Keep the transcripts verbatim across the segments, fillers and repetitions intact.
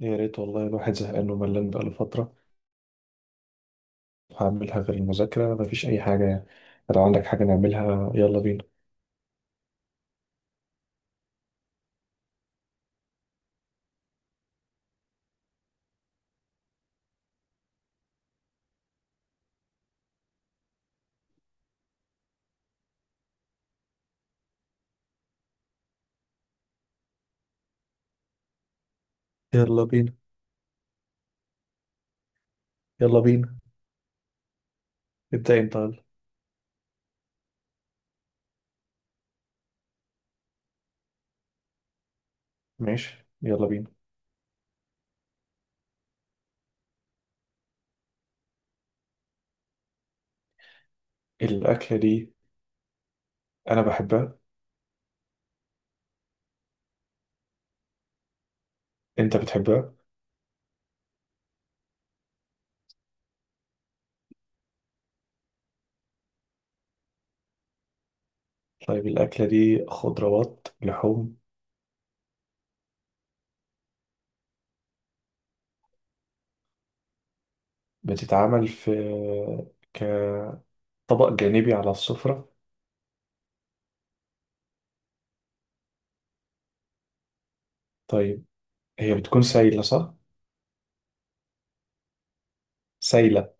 يا ريت والله الواحد زهقان وملان بقاله فترة. هعملها غير المذاكرة مفيش أي حاجة يعني. لو عندك حاجة نعملها يلا بينا. يلا بينا، يلا بينا. ابدأ انت يلا. ماشي يلا بينا. الأكلة دي أنا بحبها. أنت بتحبها؟ طيب الأكلة دي خضروات، لحوم؟ بتتعمل في كطبق جانبي على السفرة؟ طيب هي بتكون سايلة صح؟ سايلة.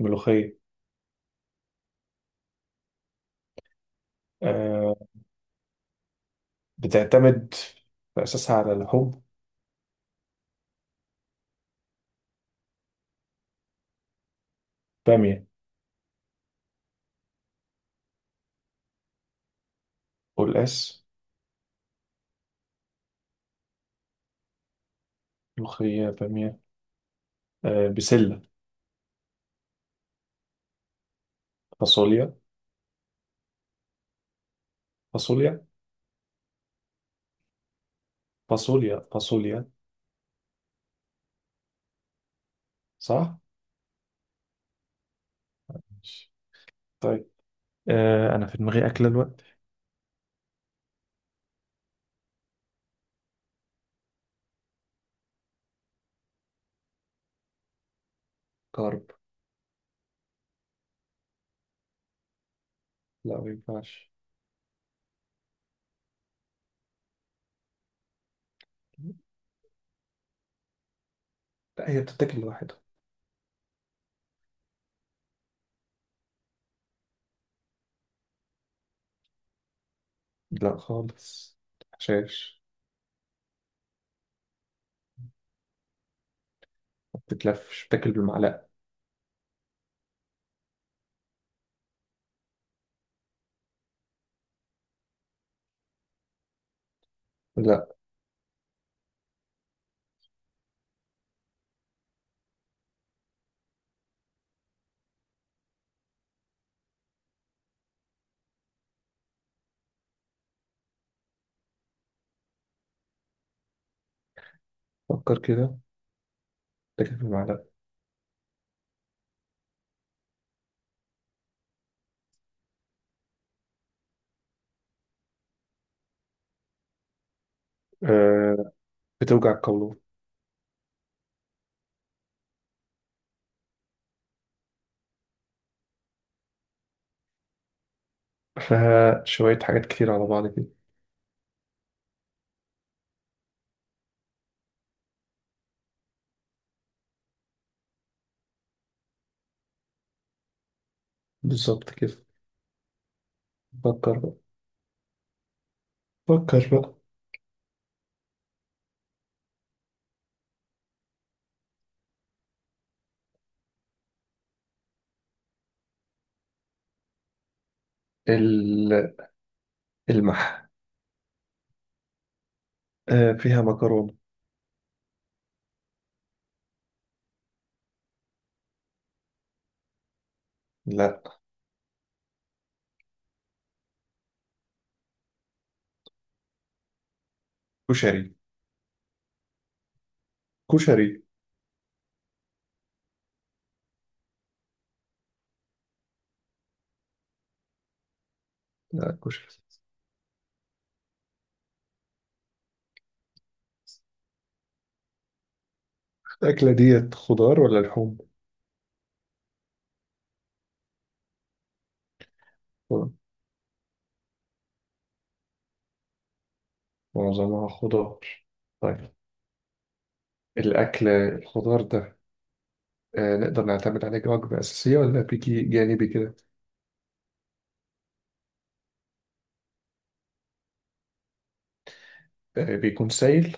ملوخية؟ أه، بتعتمد في أساسها على لحوم؟ بامية؟ قلقاس؟ ملوخية، بامية، آه بسلة، فاصوليا، فاصوليا، فاصوليا، فاصوليا، صح؟ ماشي. طيب آه أنا في دماغي أكلة الوقت. كارب. لا ما ينفعش. لا هي بتتاكل لوحدها. لا خالص. شاش. ما بتتلفش بتاكل بالمعلقة. لا. فكر كده. بتاكل بالمعلقة. آه، بتوجع القولون. فيها شوية حاجات كتير على بعض كده. بالظبط كده. فكر بقى، فكر بقى. ال- المح. آه فيها مكرونة. لا. كشري، كشري. لا كشري. الأكلة ديت خضار ولا لحوم؟ خضار. معظمها خضار. طيب الأكل الخضار ده آه نقدر نعتمد عليه كوجبة أساسية ولا بيجي جانبي كده؟ آه بيكون سائل؟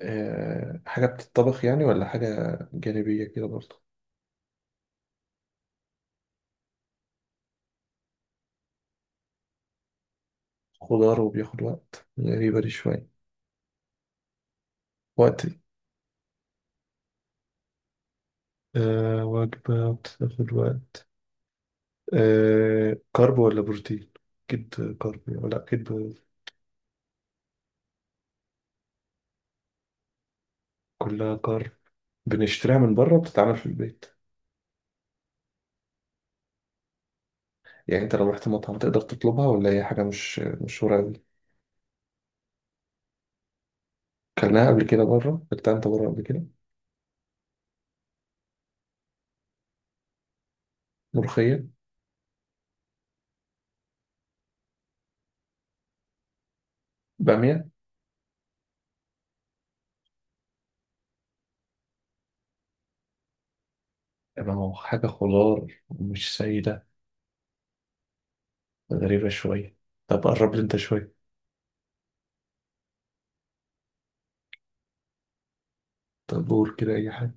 آه حاجة بتتطبخ يعني ولا حاجة جانبية كده برضه؟ خضار وبياخد وقت، غريبة دي شوية. وقت إيه؟ آه وجبة بتاخد وقت. آه كارب ولا بروتين؟ أكيد كارب ولا أكيد. كلها كارب. بنشتريها من بره بتتعمل في البيت؟ يعني انت لو رحت مطعم تقدر تطلبها ولا هي حاجة مش مشهورة أوي؟ كلناها قبل كده بره، اكلتها انت بره قبل كده؟ ملوخية؟ بامية؟ يبقى ما هو حاجة خضار مش سيدة، غريبة شوية. طب قرب لي انت شوية. طب قول كده أي حاجة.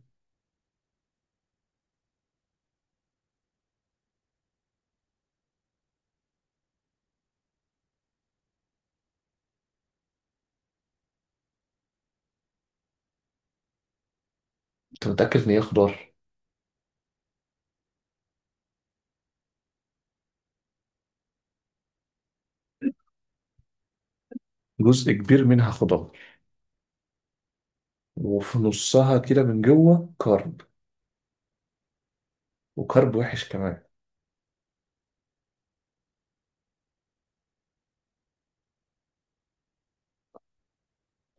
أنت متأكد إن هي خضار؟ جزء كبير منها خضار. وفي نصها كده من جوه كرب. وكرب وحش كمان.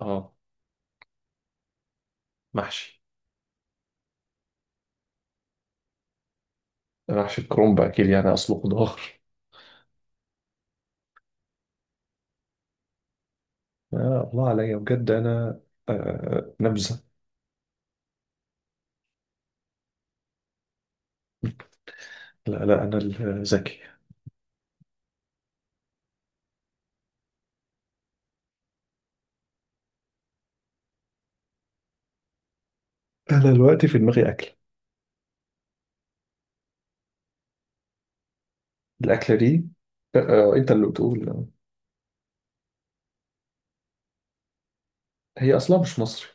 اه. محشي. محشي الكرنب أكيد يعني أصله خضار. آه الله عليا بجد أنا، آه نبذة. لا لا أنا الذكي. انا دلوقتي في دماغي اكله. الاكله دي، آه، آه، انت اللي بتقول آه، هي اصلا مش مصري.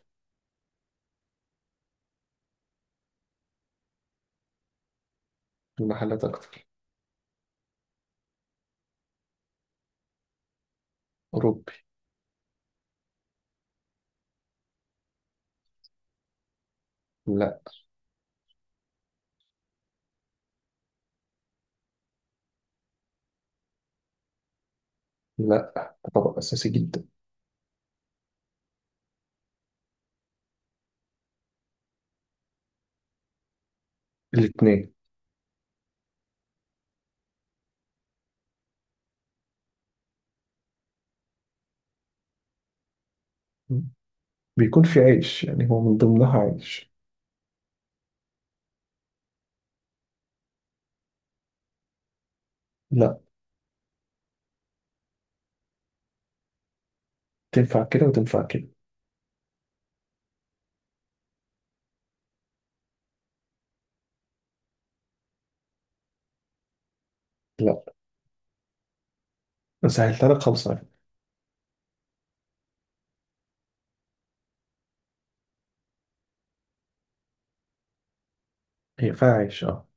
المحلات اكتر. اوروبي. لا. لا طبق اساسي جدا. الاثنين. بيكون في عيش، يعني هو من ضمنها عيش. لا. تنفع كده وتنفع كده. لا. سهلتها لك خالص على فكرة. هي فيها عيش اه.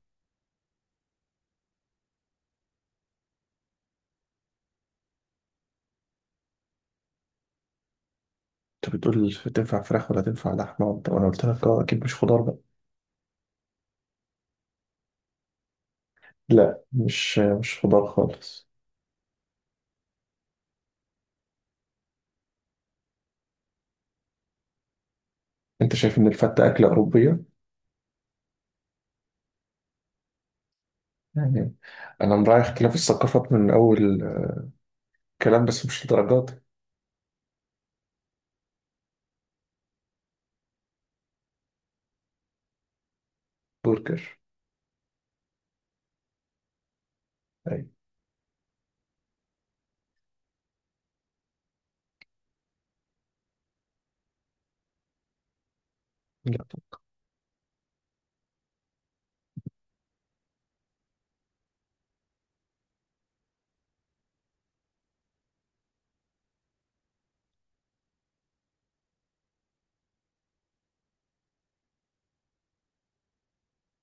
انت بتقول تنفع فراخ ولا تنفع لحمه، وانت وانا قلت لك اه اكيد مش خضار بقى. لا مش مش خضار خالص. انت شايف ان الفته اكله اوروبيه يعني؟ انا مراعي اختلاف الثقافات من اول كلام بس مش الدرجات دي. برجر. أيوة. لا،